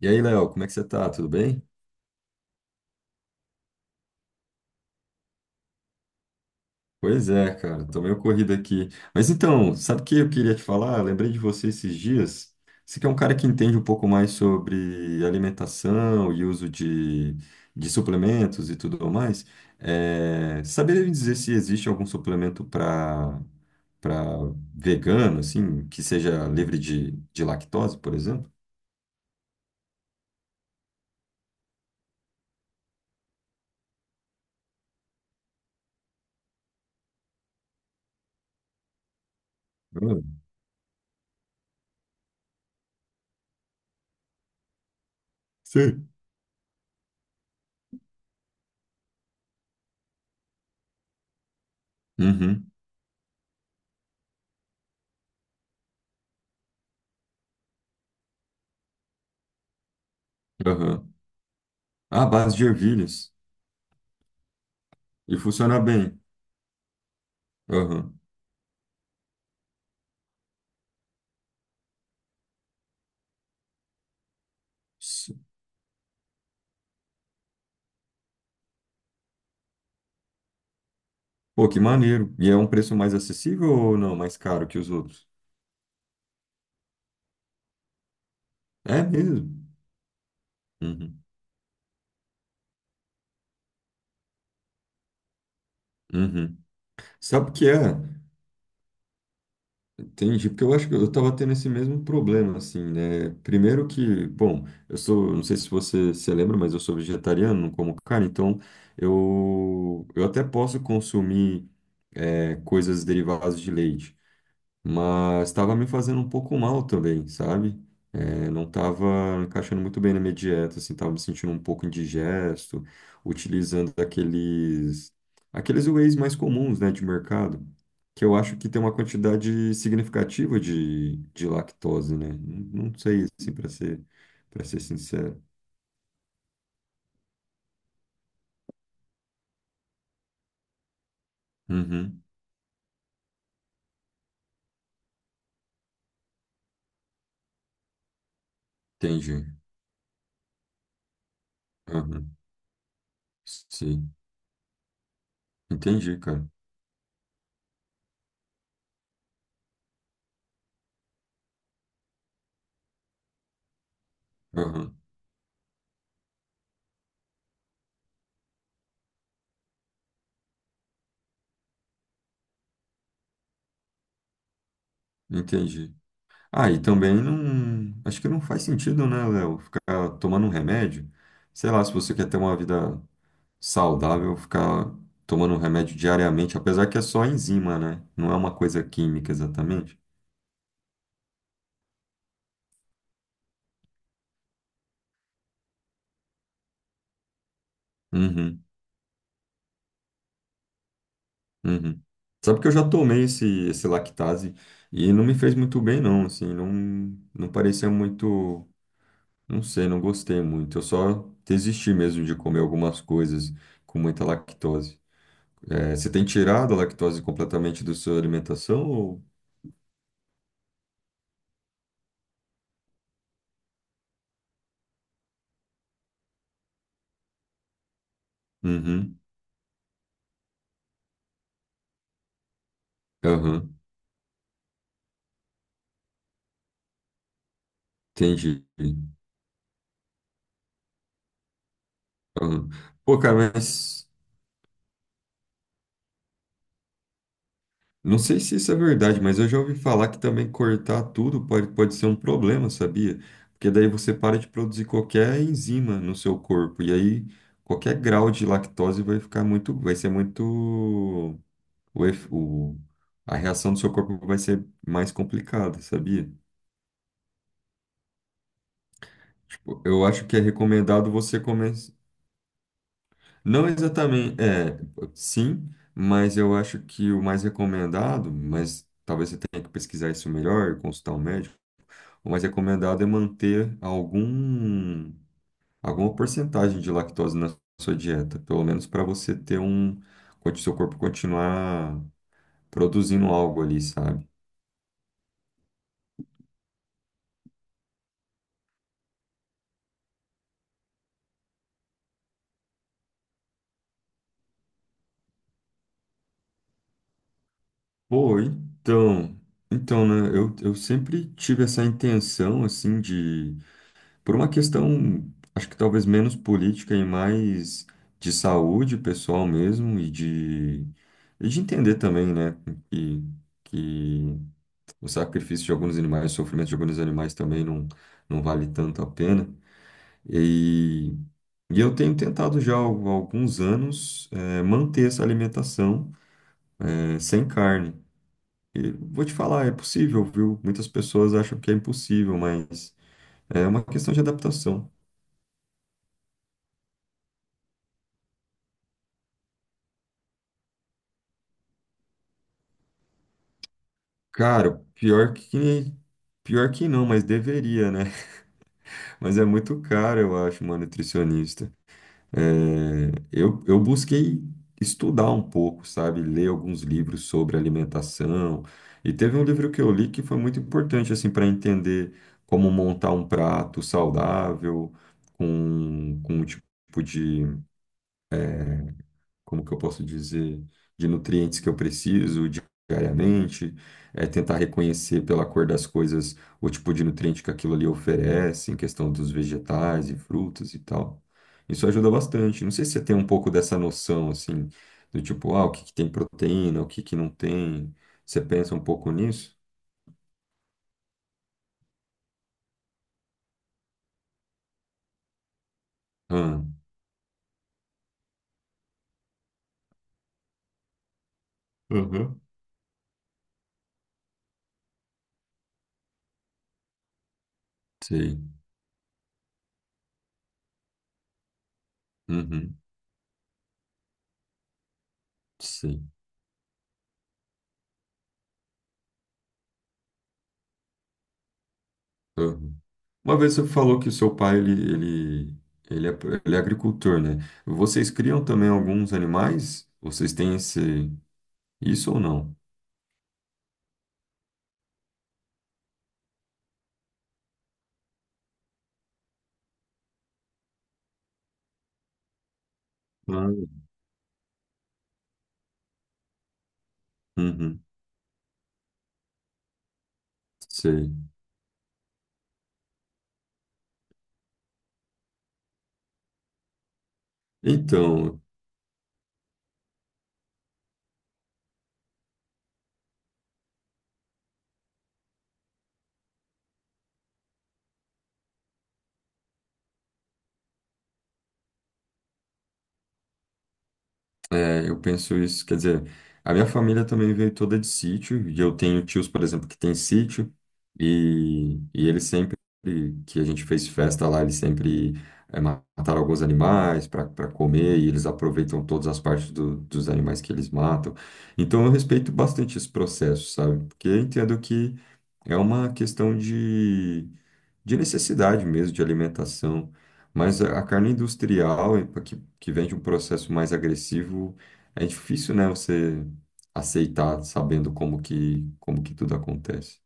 E aí, Léo, como é que você tá? Tudo bem? Pois é, cara, tô meio corrido aqui. Mas então, sabe o que eu queria te falar? Eu lembrei de você esses dias. Você que é um cara que entende um pouco mais sobre alimentação e uso de suplementos e tudo mais. É, saberia me dizer se existe algum suplemento para vegano, assim, que seja livre de lactose, por exemplo? Hum. Sim. Uhum, aham. Ah, base de ervilhas. E funciona bem. Aham. Pô, que maneiro. E é um preço mais acessível ou não? Mais caro que os outros? É mesmo? Uhum. Uhum. Sabe o que é? Entendi, porque eu acho que eu estava tendo esse mesmo problema, assim, né? Primeiro que, bom, eu sou, não sei se você se lembra, mas eu sou vegetariano, não como carne, então eu até posso consumir é, coisas derivadas de leite. Mas estava me fazendo um pouco mal também, sabe? É, não estava encaixando muito bem na minha dieta, assim, estava me sentindo um pouco indigesto, utilizando aqueles wheys mais comuns, né, de mercado, que eu acho que tem uma quantidade significativa de lactose, né? Não, não sei, assim, para ser sincero. Uhum, entendi. Aham, sim, entendi, cara. Aham, entendi. Ah, e também não. Acho que não faz sentido, né, Léo? Ficar tomando um remédio. Sei lá, se você quer ter uma vida saudável, ficar tomando um remédio diariamente, apesar que é só enzima, né? Não é uma coisa química exatamente. Uhum, uhum. Sabe que eu já tomei esse lactase e não me fez muito bem, não. Assim, não, não parecia muito. Não sei, não gostei muito. Eu só desisti mesmo de comer algumas coisas com muita lactose. É, você tem tirado a lactose completamente da sua alimentação? Ou... Uhum, aham, entendi. Aham. Pô, cara, mas não sei se isso é verdade, mas eu já ouvi falar que também cortar tudo pode, pode ser um problema, sabia? Porque daí você para de produzir qualquer enzima no seu corpo, e aí qualquer grau de lactose vai ficar muito, vai ser muito, o, ef- o- a reação do seu corpo vai ser mais complicada, sabia? Tipo, eu acho que é recomendado você comer. Não exatamente, é, sim, mas eu acho que o mais recomendado, mas talvez você tenha que pesquisar isso melhor, consultar um médico, o mais recomendado é manter alguma porcentagem de lactose na sua dieta, pelo menos para você ter um, o seu corpo continuar produzindo algo ali, sabe? Pô, então, então, né, eu sempre tive essa intenção, assim, de Por uma questão, acho que talvez menos política e mais de saúde pessoal mesmo e de entender também, né, que, que o sacrifício de alguns animais, o sofrimento de alguns animais também não, não vale tanto a pena. E, e eu tenho tentado já há alguns anos manter essa alimentação sem carne. E vou te falar, é possível, viu? Muitas pessoas acham que é impossível, mas é uma questão de adaptação. Cara, pior que. Pior que não, mas deveria, né? Mas é muito caro, eu acho, uma nutricionista. É, eu busquei estudar um pouco, sabe? Ler alguns livros sobre alimentação. E teve um livro que eu li que foi muito importante, assim, para entender como montar um prato saudável, com um tipo de. Como que eu posso dizer, de nutrientes que eu preciso diariamente, é tentar reconhecer pela cor das coisas o tipo de nutriente que aquilo ali oferece, em questão dos vegetais e frutas e tal. Isso ajuda bastante. Não sei se você tem um pouco dessa noção, assim, do tipo, ah, o que que tem proteína, o que que não tem. Você pensa um pouco nisso? Ah. Uhum. Sei. Uhum, sei. Uma vez você falou que o seu pai ele, ele, ele, é, ele é agricultor, né? Vocês criam também alguns animais? Vocês têm esse, isso ou não? Ah. Uhum, sei. Então, é, eu penso isso, quer dizer, a minha família também veio toda de sítio, e eu tenho tios, por exemplo, que tem sítio, e eles sempre, que a gente fez festa lá, eles sempre é, mataram alguns animais para comer, e eles aproveitam todas as partes do- dos animais que eles matam. Então eu respeito bastante esse processo, sabe? Porque eu entendo que é uma questão de necessidade mesmo de alimentação, mas a carne industrial, pra que, que vem de um processo mais agressivo, é difícil, né, você aceitar sabendo como que tudo acontece.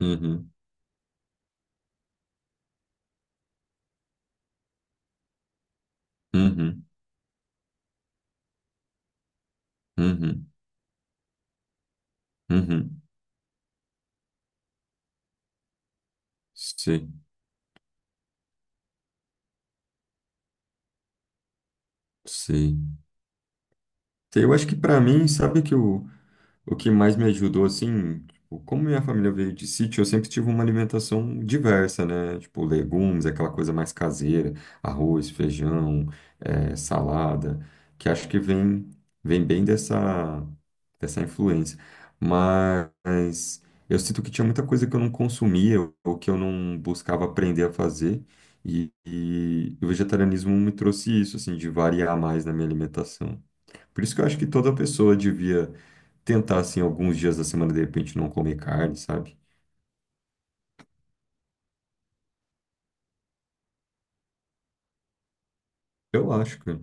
Uhum, uhum, uhum, uhum. Sim, sim. Eu acho que para mim, sabe que o O que mais me ajudou, assim, tipo, como minha família veio de sítio, eu sempre tive uma alimentação diversa, né? Tipo, legumes, aquela coisa mais caseira, arroz, feijão, salada, que acho que vem, vem bem dessa, dessa influência. Mas eu sinto que tinha muita coisa que eu não consumia ou que eu não buscava aprender a fazer. E o vegetarianismo me trouxe isso, assim, de variar mais na minha alimentação. Por isso que eu acho que toda pessoa devia tentar, assim, alguns dias da semana, de repente, não comer carne, sabe? Eu acho, cara.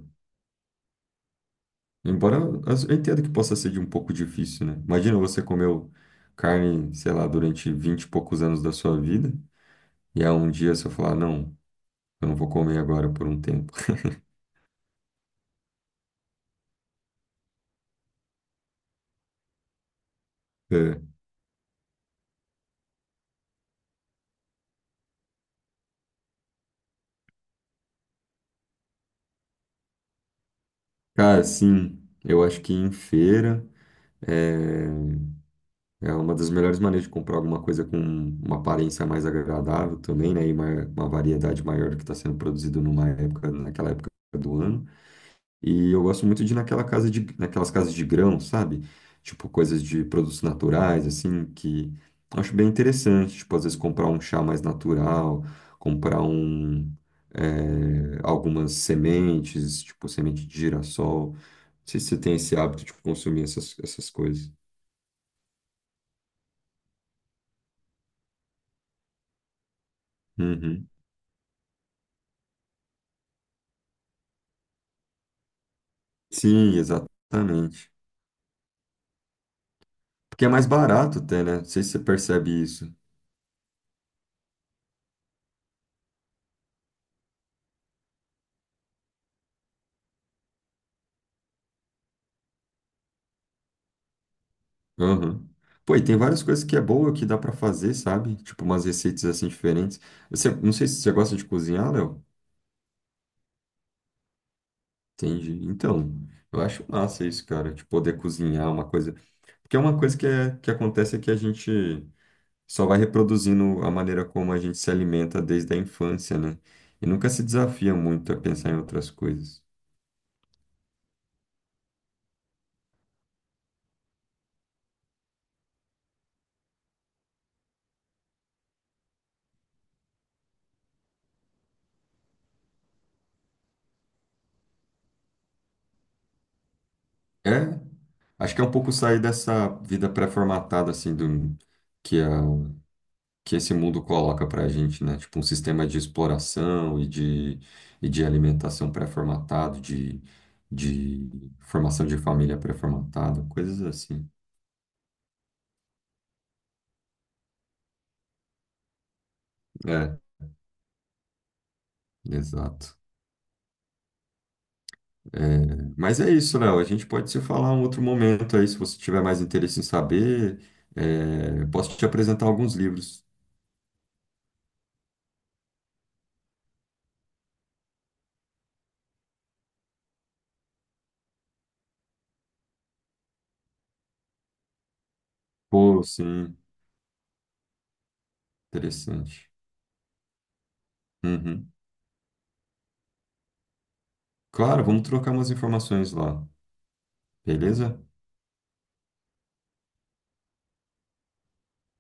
Embora as- eu entendo que possa ser de um pouco difícil, né? Imagina você comeu carne, sei lá, durante 20 e poucos anos da sua vida, e há um dia você falar, não, eu não vou comer agora por um tempo. É. Cara, sim, eu acho que em feira é, é uma das melhores maneiras de comprar alguma coisa com uma aparência mais agradável também, né? E uma variedade maior do que está sendo produzido numa época, naquela época do ano. E eu gosto muito de ir naquela casa de, naquelas casas de grão, sabe? Tipo, coisas de produtos naturais, assim, que eu acho bem interessante. Tipo, às vezes comprar um chá mais natural, comprar um, é, algumas sementes, tipo, semente de girassol. Não sei se você tem esse hábito de consumir essas coisas. Uhum. Sim, exatamente. Porque é mais barato até, né? Não sei se você percebe isso. Aham. Pô, e tem várias coisas que é boa que dá pra fazer, sabe? Tipo umas receitas assim diferentes. Você, não sei se você gosta de cozinhar, Léo. Entendi. Então, eu acho massa isso, cara, de poder cozinhar uma coisa. Porque é uma coisa que, é, que acontece é que a gente só vai reproduzindo a maneira como a gente se alimenta desde a infância, né? E nunca se desafia muito a pensar em outras coisas. É, acho que é um pouco sair dessa vida pré-formatada, assim, do, que é que esse mundo coloca pra gente, né? Tipo, um sistema de exploração e de alimentação pré-formatado, de formação de família pré-formatada, coisas assim. É, exato. É, mas é isso, Léo. A gente pode se falar um outro momento aí, se você tiver mais interesse em saber. É, eu posso te apresentar alguns livros. Pô, sim, interessante. Uhum. Claro, vamos trocar umas informações lá. Beleza?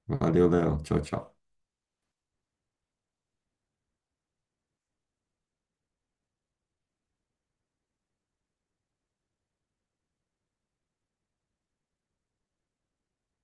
Valeu, Léo. Tchau, tchau.